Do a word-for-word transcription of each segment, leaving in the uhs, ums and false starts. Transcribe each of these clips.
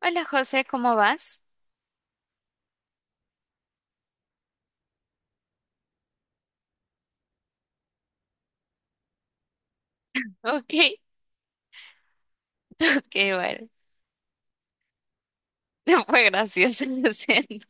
Hola José, ¿cómo vas? Ok, ok, bueno. Fue gracioso lo siento.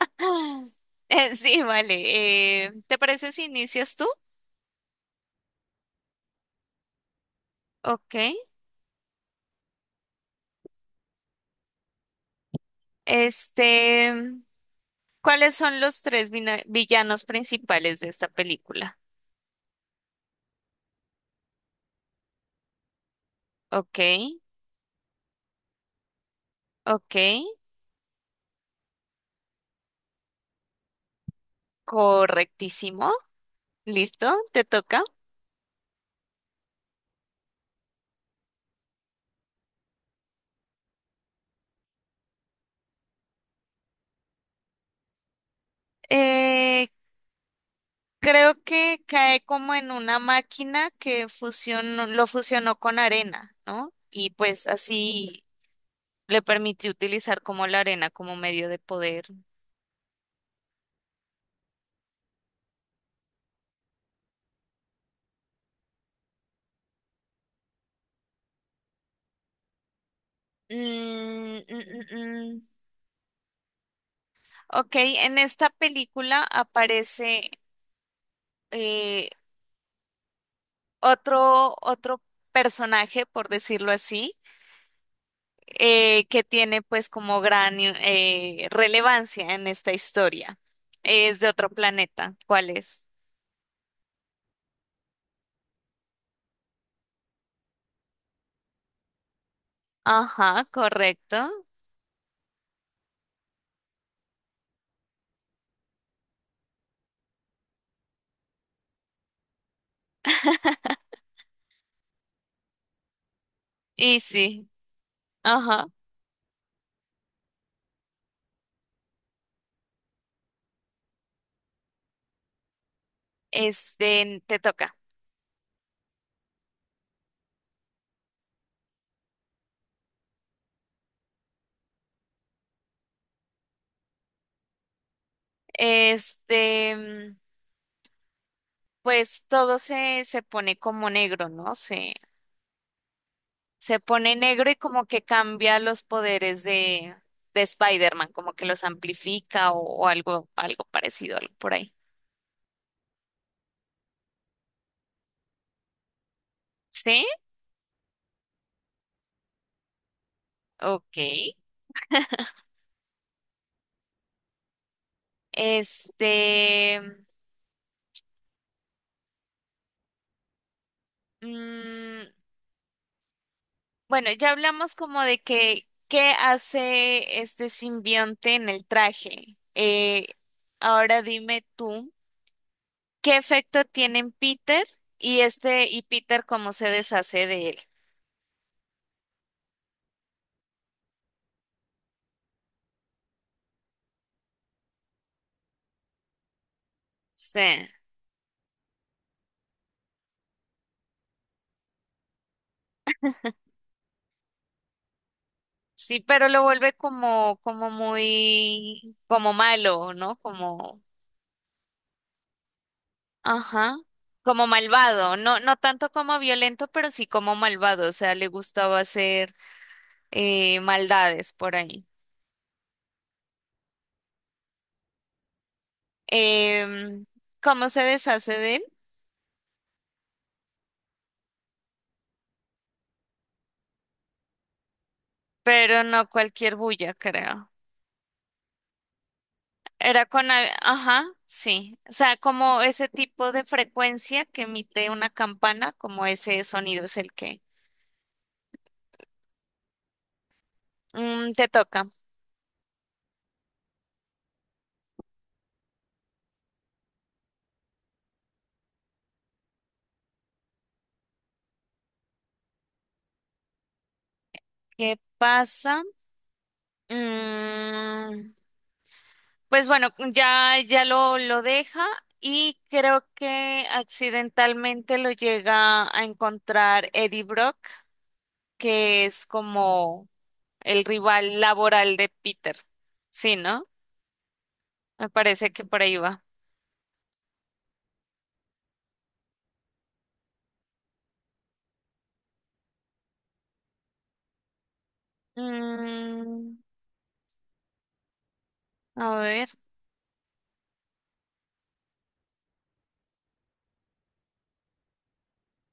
Eh, Sí, vale. Eh, ¿te parece si inicias tú? Ok. Este, ¿Cuáles son los tres vina- villanos principales de esta película? Ok, ok. Correctísimo. Listo, te toca. Eh, Creo que cae como en una máquina que fusionó, lo fusionó con arena, ¿no? Y pues así. Le permitió utilizar como la arena como medio de poder. Mm, mm, mm, mm. Ok, en esta película aparece eh, otro, otro personaje, por decirlo así, eh, que tiene pues como gran eh, relevancia en esta historia. Es de otro planeta. ¿Cuál es? Ajá, correcto. Y sí, ajá. Este, te toca. Este. mm, pues todo se, se pone como negro, ¿no? Se, se pone negro y como que cambia los poderes de, de Spider-Man, como que los amplifica o, o algo, algo parecido, algo por ahí. ¿Sí? Ok. Este, mm, bueno, ya hablamos como de que qué hace este simbionte en el traje. Eh, ahora dime tú, ¿qué efecto tiene en Peter y este y Peter cómo se deshace de él? Sí, sí, pero lo vuelve como, como muy, como malo, ¿no? Como, ajá, como malvado, no, no tanto como violento, pero sí como malvado, o sea, le gustaba hacer eh, maldades por ahí. Em, ¿Cómo se deshace de él? Pero no cualquier bulla, creo. Era con, al- ajá, sí, o sea, como ese tipo de frecuencia que emite una campana, como ese sonido es el que. Mm, te toca. ¿Qué pasa? Mm, pues bueno, ya, ya lo, lo deja y creo que accidentalmente lo llega a encontrar Eddie Brock, que es como el rival laboral de Peter. Sí, ¿no? Me parece que por ahí va. Mm, a ver.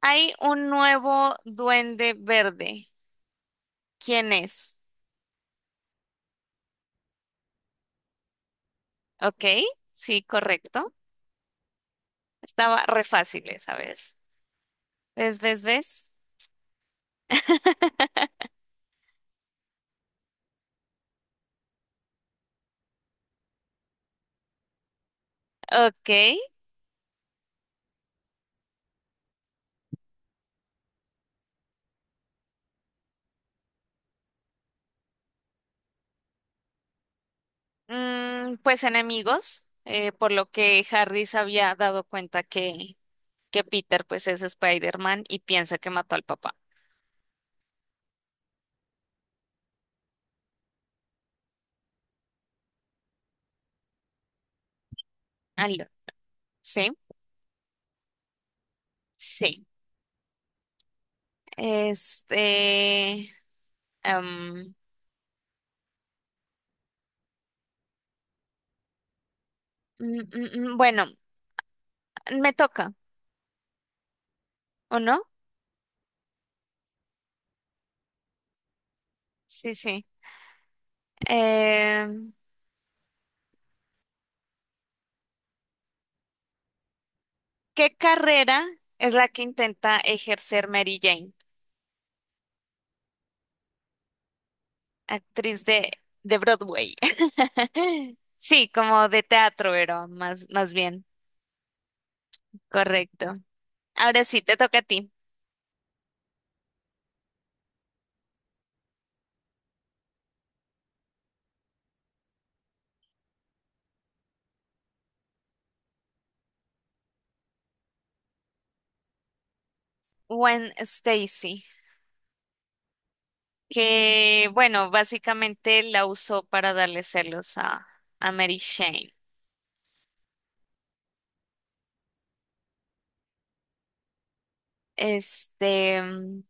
Hay un nuevo duende verde. ¿Quién es? Ok, sí, correcto. Estaba re fácil esa vez. ¿Ves, ves, ves? Ok. Mm, pues enemigos, eh, por lo que Harry se había dado cuenta que, que Peter pues es Spider-Man y piensa que mató al papá. Aló. Sí, sí. Este, em, mm, mm, mm, bueno, me toca, ¿o no? Sí, sí. Em, ¿Qué carrera es la que intenta ejercer Mary Jane, actriz de, de Broadway? Sí, como de teatro, pero más, más bien. Correcto. Ahora sí, te toca a ti. Gwen Stacy, que bueno, básicamente la usó para darle celos a, a Mary Jane. Este, mm,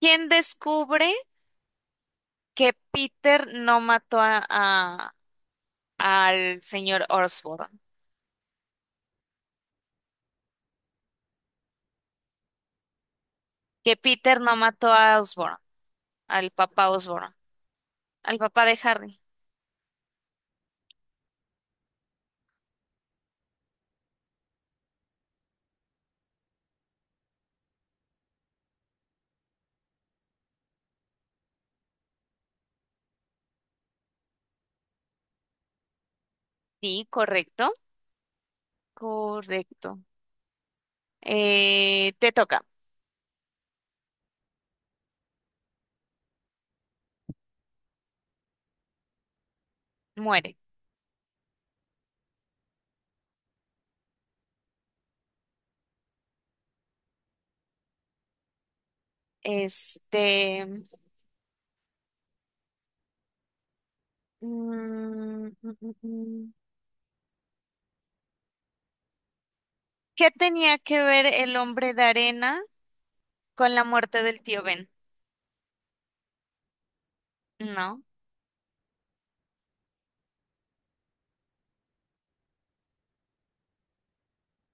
¿Quién descubre que Peter no mató a, a- al señor Osborn? Que Peter no mató a Osborn, al papá Osborn, al papá de Harry. Sí, correcto, correcto. Eh, te toca, muere. Este. Mm, mm, mm, mm, mm. ¿Qué tenía que ver el hombre de arena con la muerte del tío Ben? No,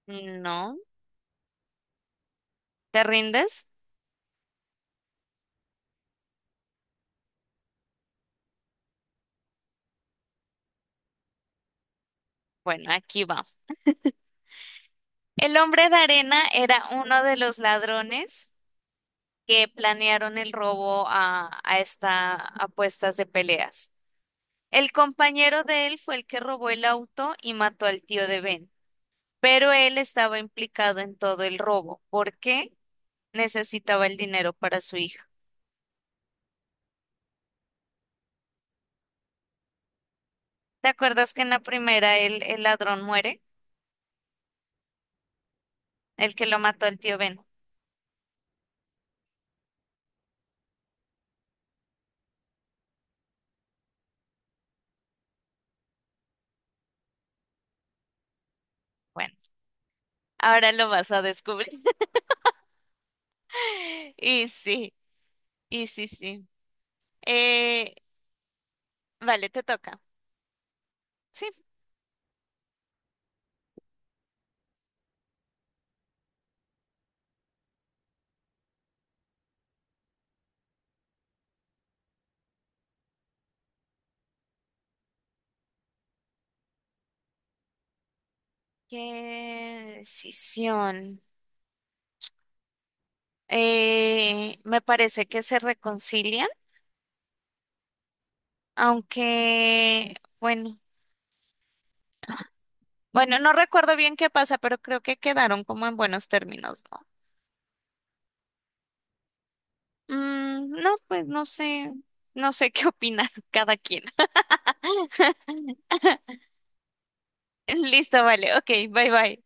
no. ¿Te rindes? Bueno, aquí va. El hombre de arena era uno de los ladrones que planearon el robo a, a esta apuestas de peleas. El compañero de él fue el que robó el auto y mató al tío de Ben, pero él estaba implicado en todo el robo porque necesitaba el dinero para su hija. ¿Te acuerdas que en la primera el el ladrón muere? El que lo mató el tío Ben. Bueno, ahora lo vas a descubrir. Y sí, y sí, sí. Eh, vale, te toca. Sí. ¿Qué decisión? Eh, me parece que se reconcilian, aunque, bueno, bueno, no recuerdo bien qué pasa, pero creo que quedaron como en buenos términos, ¿no? Mm, no, pues no sé, no sé qué opina cada quien. Listo, vale, ok, bye bye.